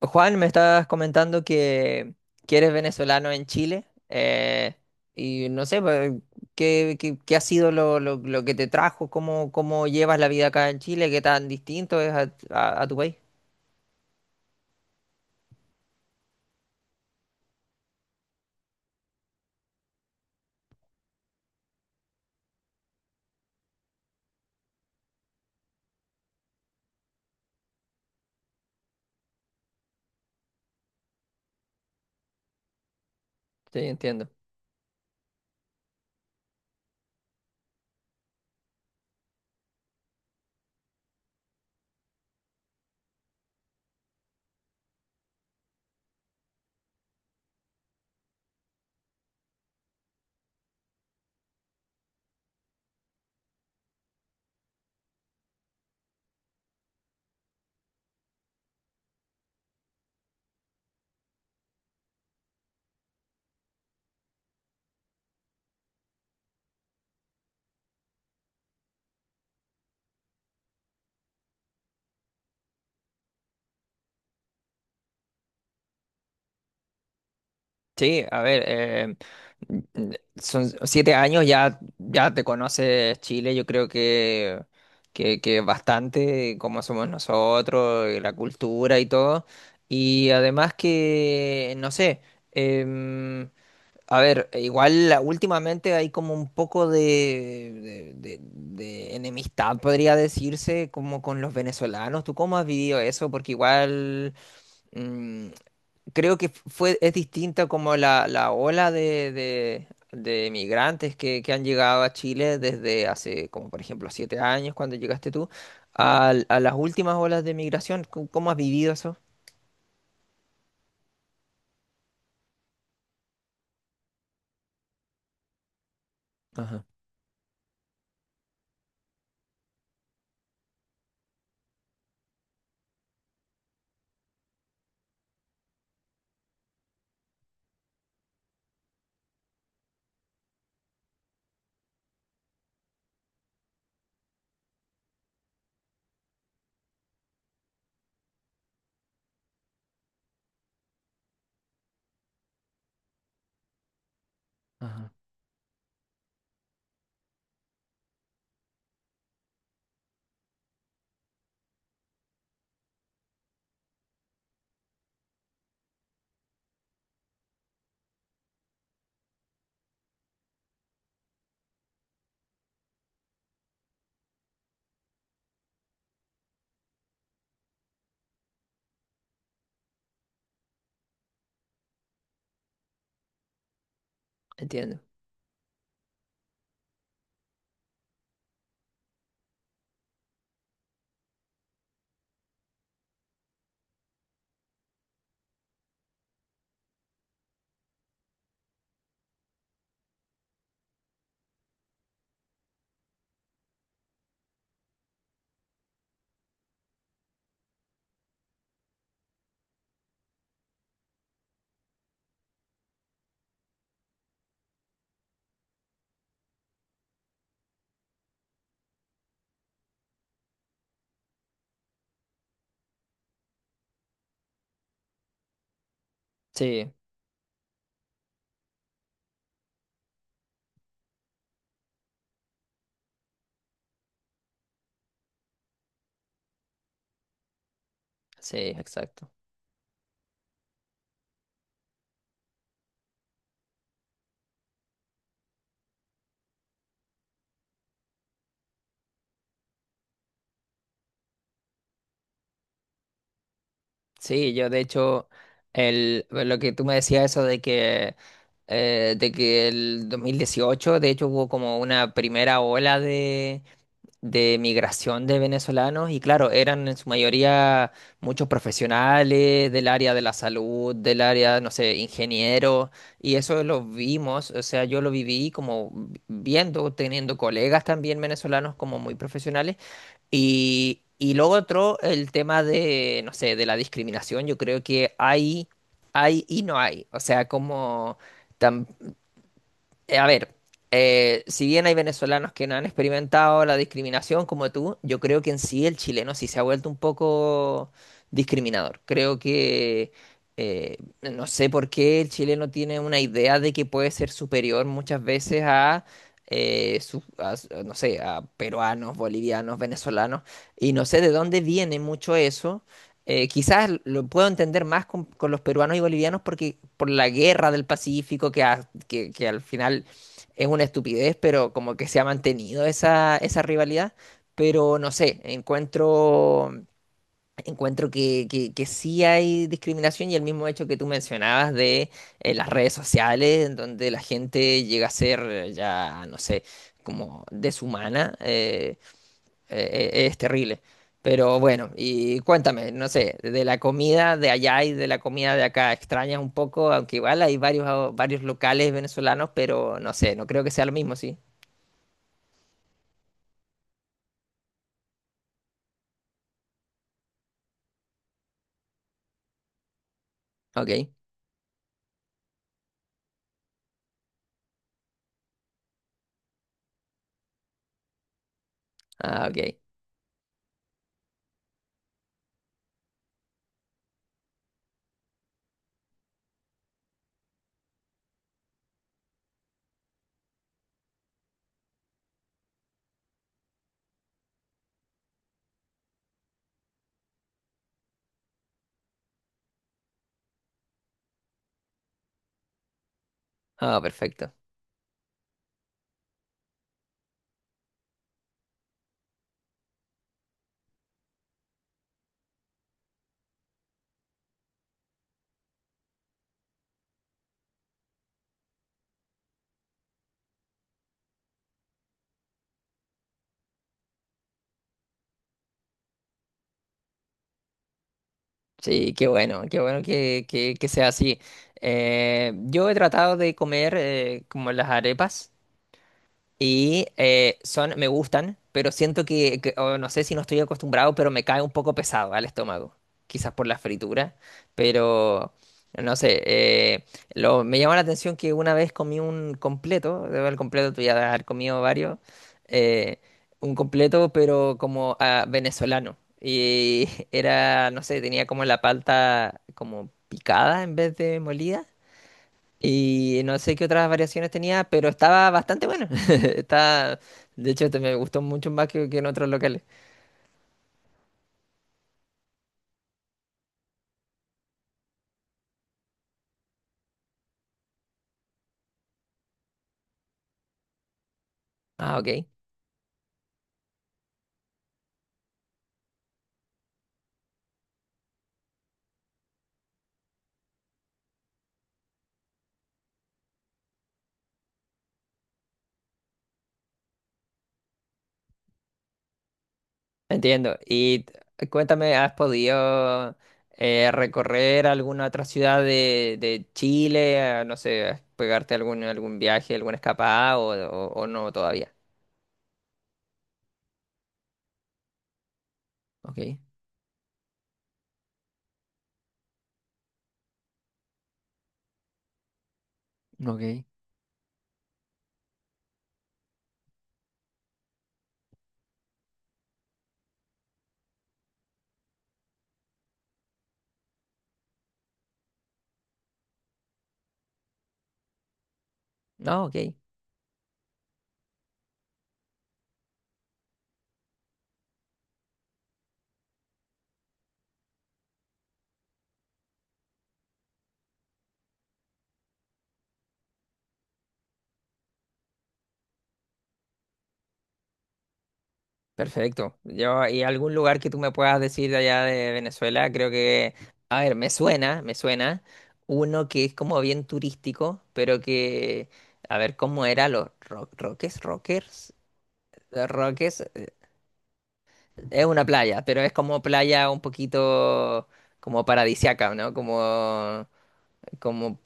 Juan, me estás comentando que eres venezolano en Chile, y no sé, pues, qué ha sido lo que te trajo? Cómo llevas la vida acá en Chile? ¿Qué tan distinto es a tu país? Sí, entiendo. Sí, a ver, son 7 años, ya te conoces Chile, yo creo que bastante, como somos nosotros, y la cultura y todo. Y además que, no sé. em, A ver, e igual últimamente hay como un poco de enemistad, podría decirse, como con los venezolanos. ¿Tú cómo has vivido eso? Porque igual mm, creo que fue, es distinta como la ola de migrantes que han llegado a Chile desde hace, como por ejemplo, 7 años cuando llegaste tú, las últimas olas de migración. Cómo has vivido eso? Ajá, ajá. Entiendo. Sí, sí, exacto. Sí, yo de hecho, el, pues, lo que tú me decías eso de de que el 2018 de hecho hubo como una primera ola de migración de venezolanos y claro, eran en su mayoría muchos profesionales del área de la salud, del área, no sé, ingenieros, y eso lo vimos, o sea, yo lo viví como viendo, teniendo colegas también venezolanos como muy profesionales, y lo otro, el tema de, no sé, de la discriminación, yo creo que hay y no hay, o sea, como... A ver, si bien hay venezolanos que no han experimentado la discriminación como tú, yo creo que en sí el chileno sí se ha vuelto un poco discriminador. Creo que no sé por qué el chileno tiene una idea de que puede ser superior muchas veces a, no sé, a peruanos, bolivianos, venezolanos, y no sé de dónde viene mucho eso, quizás lo puedo entender más con los peruanos y bolivianos porque por la guerra del Pacífico, que al final es una estupidez, pero como que se ha mantenido esa, esa rivalidad. Pero no sé, encuentro, encuentro que sí hay discriminación y el mismo hecho que tú mencionabas de las redes sociales, en donde la gente llega a ser no sé, como deshumana. Es terrible. Pero bueno, y cuéntame, no sé, de la comida de allá y de la comida de acá, extrañas un poco, aunque igual hay varios, varios locales venezolanos, pero no sé, no creo que sea lo mismo, ¿sí? Ok, ah, ok, ah, perfecto. Sí, qué bueno que sea así. Yo he tratado de comer como las arepas. Y son, me gustan, pero siento o no sé si no estoy acostumbrado, pero me cae un poco pesado al estómago. Quizás por la fritura, pero no sé. Lo, me llama la atención que una vez comí un completo, debo el completo, tú ya debes haber comido varios, eh, un completo, pero como ah, venezolano. Y era, no sé, tenía como la palta como picada en vez de molida. Y no sé qué otras variaciones tenía, pero estaba bastante bueno. Está, de hecho, me gustó mucho más que en otros locales. Ah, ok. Entiendo. Y cuéntame, ¿has podido recorrer alguna otra ciudad de Chile? Ah, no sé, pegarte algún, algún viaje, alguna escapada o no todavía. Ok, ok. No, ok. Perfecto. Yo, y algún lugar que tú me puedas decir de allá de Venezuela, creo que, a ver, me suena uno que es como bien turístico, pero que, a ver, ¿cómo era? Los Roques, Rockers, Roques, es una playa, pero es como playa un poquito como paradisiaca, ¿no? Como, como,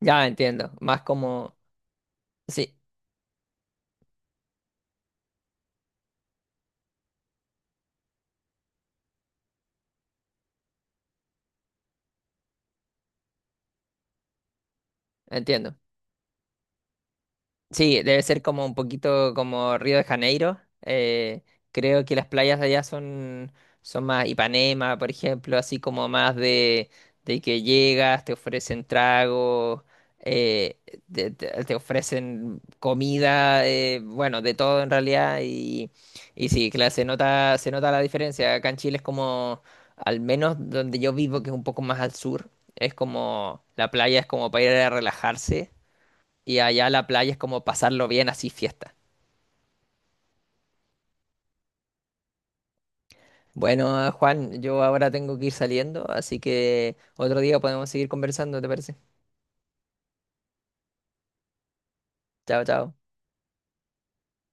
ya entiendo, más como, sí, entiendo. Sí, debe ser como un poquito como Río de Janeiro. Creo que las playas de allá son, son más Ipanema, por ejemplo, así como más de que llegas, te ofrecen trago, eh, te, te ofrecen comida, bueno, de todo en realidad. Y sí, claro, se nota la diferencia. Acá en Chile es como, al menos donde yo vivo, que es un poco más al sur, es como, la playa es como para ir a relajarse y allá la playa es como pasarlo bien, así fiesta. Bueno, Juan, yo ahora tengo que ir saliendo, así que otro día podemos seguir conversando, ¿te parece? Chao, chao.